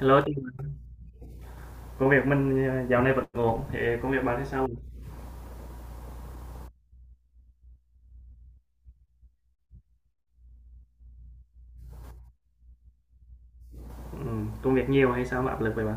Hello chị, công việc mình dạo này vẫn ổn, thì công việc bạn thế sao? Ừ, công việc nhiều hay sao mà áp lực vậy bạn?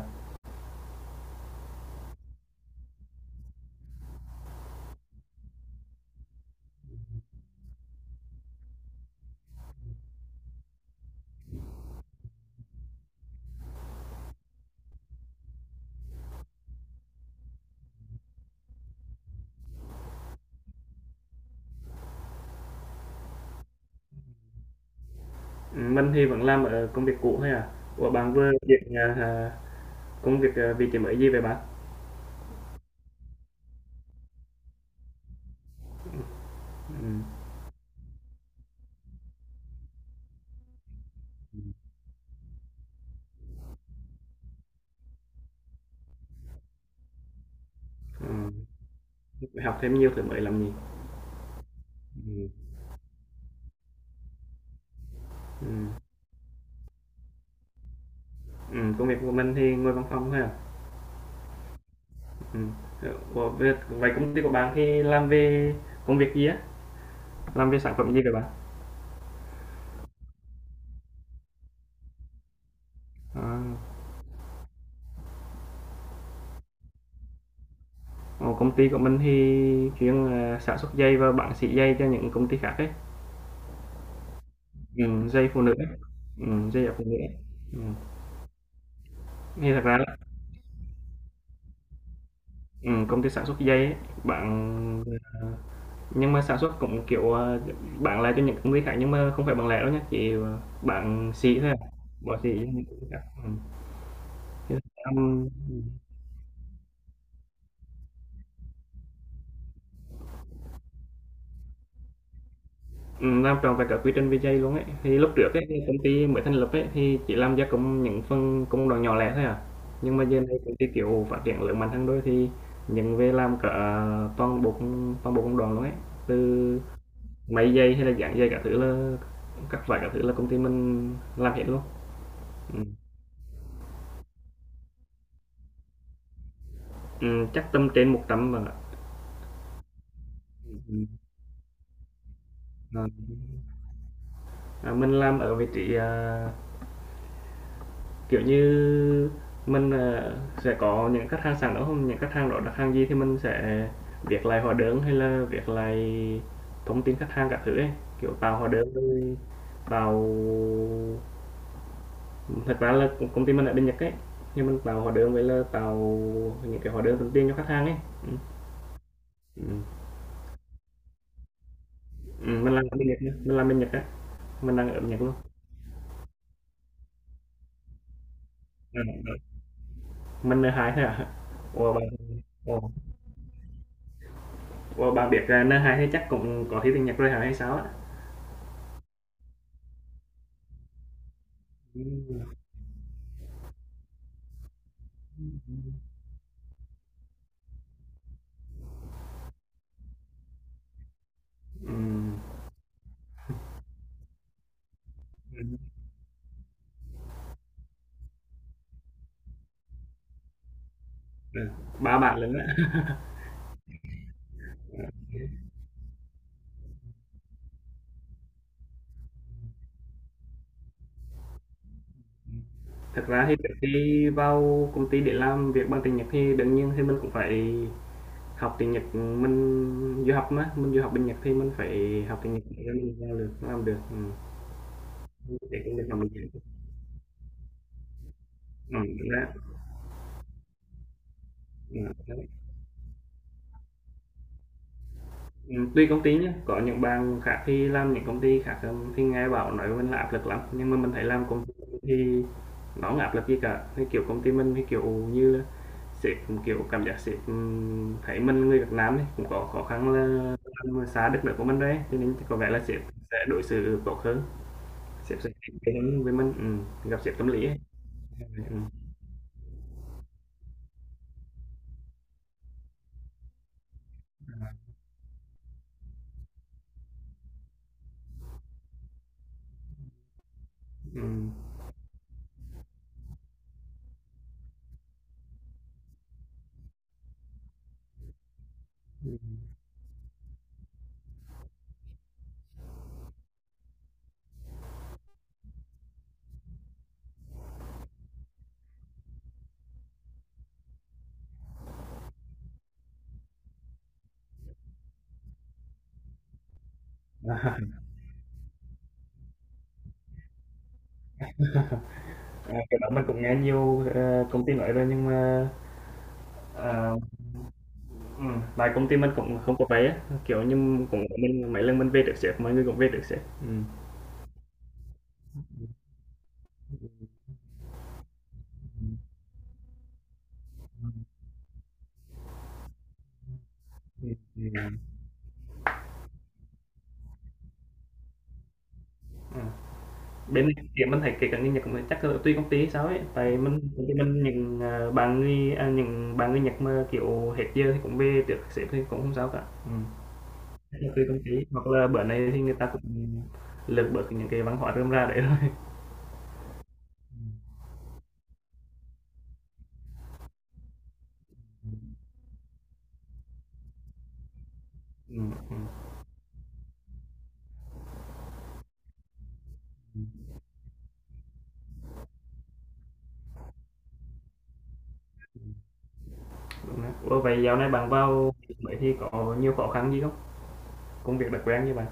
Ừ, mình thì vẫn làm ở công việc cũ thôi à. Ủa, bạn vừa chuyển công việc vị trí mới gì vậy bạn? Ừ, ừ, Phải học thêm nhiều thứ mới làm gì? Ừ, ừ, ừ, công việc của mình thì ngồi văn phòng thôi à. Ừ. Ủa, vậy vậy công ty của bạn thì làm về công việc gì á? Làm về sản phẩm gì vậy bạn? À, ồ, công ty của mình thì chuyên sản xuất giày và bán sỉ giày cho những công ty khác ấy. Dây phụ nữ, ấy. Ừm, dây dải phụ nữ, ấy. Ừm, thì thật ra á, công ty sản xuất dây ấy, bạn. ờ nhưng mà sản xuất cũng, kiểu, bán lại cho những công ty khác nhưng mà không phải bằng lẻ đâu nhé, chỉ, bán sỉ thôi à, bỏ xỉ, cho những công ty khác. Chứ làm Ừm, làm trọn vẹn cả quy trình về dây luôn ấy. Thì lúc trước ấy, thì công ty mới thành lập ấy, thì chỉ làm gia công những phần công đoạn nhỏ lẻ thôi à, nhưng mà giờ này công ty, kiểu, phát triển lớn mạnh hơn đôi thì những về làm cả toàn bộ công đoạn luôn ấy, từ máy dây hay là dán dây cả thứ là các loại cả thứ là công ty mình làm hết luôn. Ừm, Chắc tầm trên 100 bạn ạ. Ừm, ừm, ờ. À, mình làm ở vị trí, à, kiểu như, mình, sẽ có những khách hàng sẵn đó, không những khách hàng đó đặt hàng gì thì mình sẽ viết lại hóa đơn hay là viết lại thông tin khách hàng cả thứ ấy, kiểu tạo hóa đơn rồi tạo thật ra là công ty mình ở bên Nhật ấy, nhưng mình tạo hóa đơn với là tạo những cái hóa đơn thông tin cho khách hàng ấy. Ừm. Ừm, mình làm bên Nhật nha, mình làm bên Nhật á, mình đang ở Nhật luôn. Ờ, ờ, mình n hai thôi à? Ủa, bạn Ồ, ủa, bạn biết, à, n thì chắc cũng có thi tiếng Nhật rồi hả hay sao á? Ừm. Ừm, ừm, ừ, 3 bạn lớn á. Thật ra thì trước khi vào công ty để làm việc bằng tiếng Nhật thì đương nhiên thì mình cũng phải học tiếng Nhật, mình du học mà, mình du học bên Nhật thì mình phải học tiếng Nhật để mình vào được, làm được. Để công được làm việc. Đúng đó á. Tuy công ty nhá, có những bạn khác thì làm những công ty khác, thì nghe bảo nói mình là áp lực lắm, nhưng mà mình thấy làm công ty thì nó không áp lực gì cả. Thì, kiểu, công ty mình thì, kiểu như là, sếp, kiểu, cảm giác sếp, thấy mình người Việt Nam ấy, cũng có khó khăn là làm xa đất nước của mình rồi cho nên có vẻ là sếp sẽ đối xử tốt hơn, sếp sẽ kính kể với mình, gặp sếp tâm lý ấy. Ừm, ừm, ừm. À, cái đó mình cũng nghe nhiều, công ty nói rồi nhưng mà, ờ ừm, tại công ty mình cũng không có vé á, kiểu như, cũng mình mấy lần mình về được sếp, mọi người cũng về được sếp. Ừm, ừm. Ừm, bên này thì mình thấy kể cả người Nhật cũng chắc là tùy công ty hay sao ấy, tại mình công ty mình những, à, những bạn người Nhật mà, kiểu, hết giờ thì cũng về được sếp thì cũng không sao cả. Ừm. Chắc là tùy công ty, hoặc là bữa nay thì người ta cũng lược bớt những cái văn hóa rơm ra đấy rồi. Ừm. Ừm, Đúng đấy. Ủa, vậy dạo này bạn vào mấy thì có nhiều khó khăn gì không? Công việc đặc quen như bạn?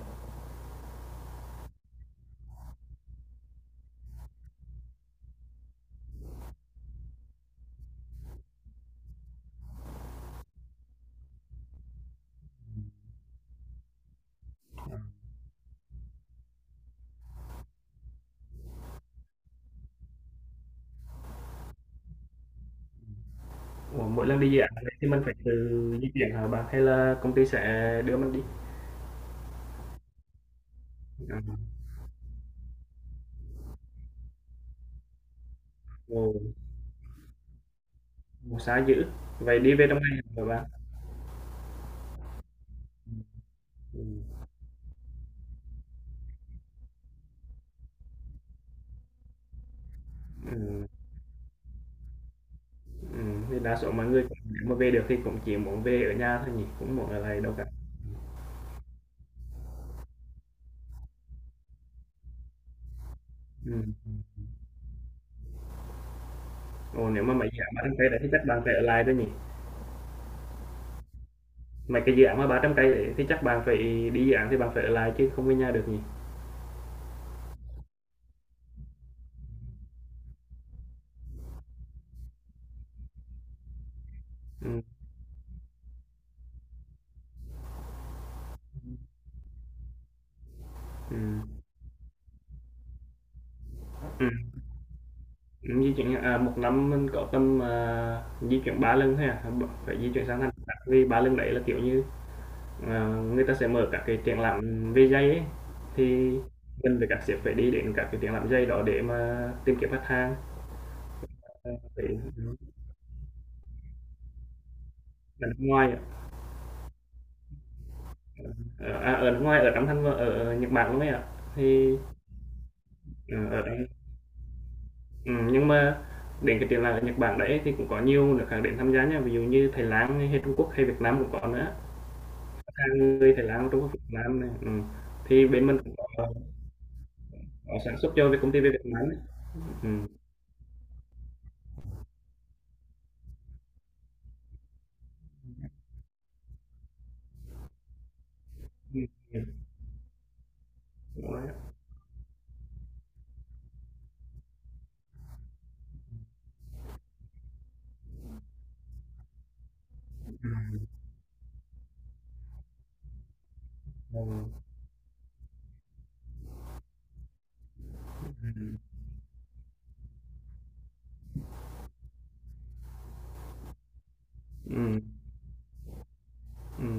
Ủa, mỗi lần đi dự án vậy thì mình phải tự di chuyển hả bạn hay là công ty sẽ đưa mình đi? À, ồ, ồ, xa dữ. Vậy đi về trong ngày hả bạn? Ừ, ừ, ừ. Thì đa số mọi người cũng- nếu mà về được thì cũng chỉ muốn về ở nhà thôi nhỉ, cũng muốn ở lại đâu cả. Ừ. Ồ, nếu mà mấy dự án 300 cây đấy thì chắc bạn phải ở lại thôi nhỉ. Mấy cái dự án mà 300 cây đấy thì chắc bạn phải đi dự án thì bạn phải ở lại chứ không về nhà được nhỉ. Ừ. Ừ. Ừ. Di chuyển, à, một năm mình có tầm, à, di chuyển 3 lần thôi à, b phải di chuyển sang thành khác vì 3 lần đấy là, kiểu như, ờ, người ta sẽ mở các cái triển lãm về giày ấy, thì mình với các sếp phải đi đến các cái triển lãm giày đó để mà tìm kiếm khách hàng, ờ, phải ừm, ở nước ngoài ạ, ở nước ngoài, ở trong thanh ở ở Nhật Bản luôn ấy ạ. Thì, ờ, ở đây Ừm, nhưng mà đến cái triển lãm ở Nhật Bản đấy thì cũng có nhiều nước khác đến tham gia nha, ví dụ như Thái Lan hay Trung Quốc hay Việt Nam cũng có nữa. À, người Thái Lan, Trung Quốc, Việt Nam này thì bên mình cũng có sản xuất cho cái công ty về Việt Nam ấy. Ừm, ừm, ừm, Đúng rồi á. Ừm, ừm, ừm,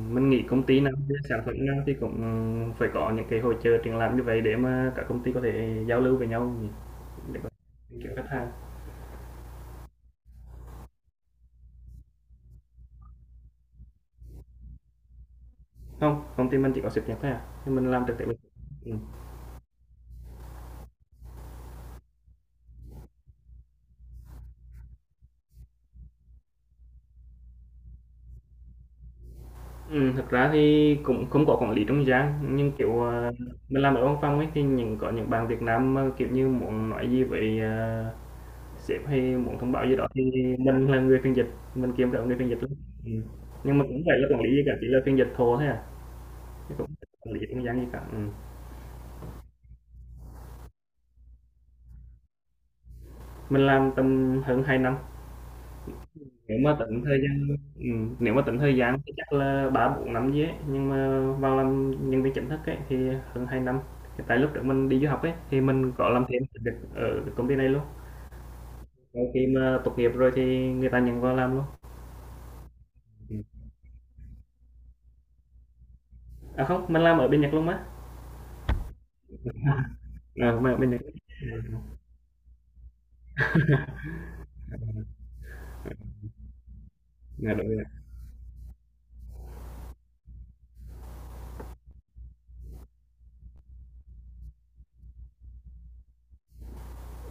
mình nghĩ công ty nào, về sản phẩm nào thì cũng phải có những cái hội chợ triển lãm như vậy để mà các công ty có thể giao lưu với nhau nhỉ, để có thể kiếm khách hàng. Không, công ty mình chỉ có sáp nhập thôi à, nhưng mình làm trực tiếp. Ừm. Thật ra thì cũng không có quản lý trung gian, nhưng, kiểu, à, mình làm ở văn phòng ấy, thì những bạn Việt Nam mà, kiểu như, muốn nói gì với, à, sếp hay muốn thông báo gì đó thì mình là người phiên dịch, mình kiếm được người phiên dịch lắm. Ừm, nhưng mà cũng phải là quản lý gì cả, chỉ là phiên dịch thô thôi à, chứ cũng không quản lý trung gian gì cả. Mình làm tầm hơn 2 năm. Nếu mà tính thời gian thì chắc là 3-4 năm gì ấy, nhưng mà vào làm nhân viên chính thức ấy thì hơn 2 năm. Thì tại lúc đó mình đi du học ấy thì mình có làm thêm việc ở công ty này luôn. Sau khi mà tốt nghiệp rồi thì người ta nhận vào làm luôn. Ừm. À không, mình làm ở bên Nhật luôn mà. À, mình ở bên Nhật. Ừ, ừ. Dạ, đúng rồi.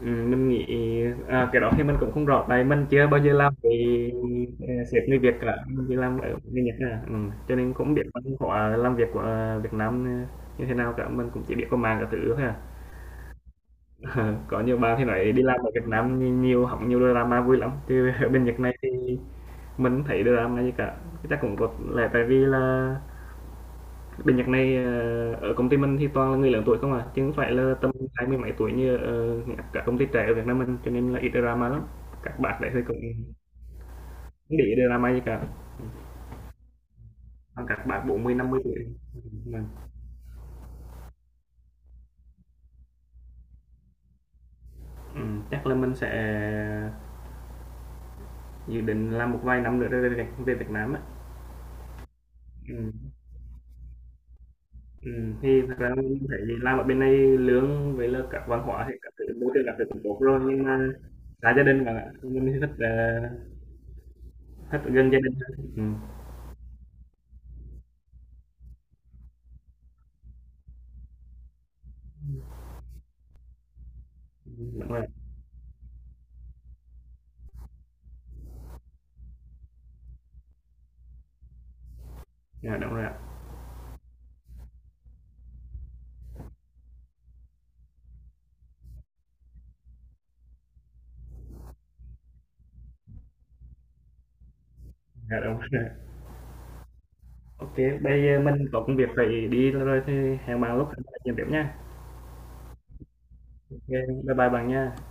Mình nghĩ, à, cái đó thì mình cũng không rõ tại mình chưa bao giờ làm với, sếp người Việt cả, mình chỉ làm ở người Nhật thôi à. Ừ, cho nên cũng biết văn hóa làm việc của, Việt Nam, như thế nào cả, mình cũng chỉ biết qua mạng cả thứ thôi à. Có nhiều bạn thì nói đi làm ở Việt Nam nhìn nhiều hóng nhiều drama vui lắm, chứ ở bên Nhật này thì mình không thấy drama gì cả, chắc cũng có lẽ tại vì là bên Nhật này ở công ty mình thì toàn là người lớn tuổi không à, chứ không phải là tầm hai mươi mấy tuổi như ở các công ty trẻ ở Việt Nam mình cho nên là ít drama lắm. Các bạn đấy thì cũng không để ý drama gì cả. Còn các bạn 40 mươi 50 tuổi. Ừ, ừ, Chắc là mình sẽ dự định làm một vài năm nữa rồi về, về Việt Nam á. Ừ. Ừ. Thì thật ra mình thấy làm ở bên này lương với là các văn hóa thì các thứ môi trường các thứ cũng tốt rồi nhưng mà xa gia đình mà mình thì thích thích ở gần gia đình hơn. Ừ. Đúng rồi. Dạ, đúng rồi ạ. Dạ đúng rồi. OK, bây giờ mình có công việc phải đi rồi thì hẹn bạn lúc khác nói chuyện tiếp nha. OK, bye bye bạn nha.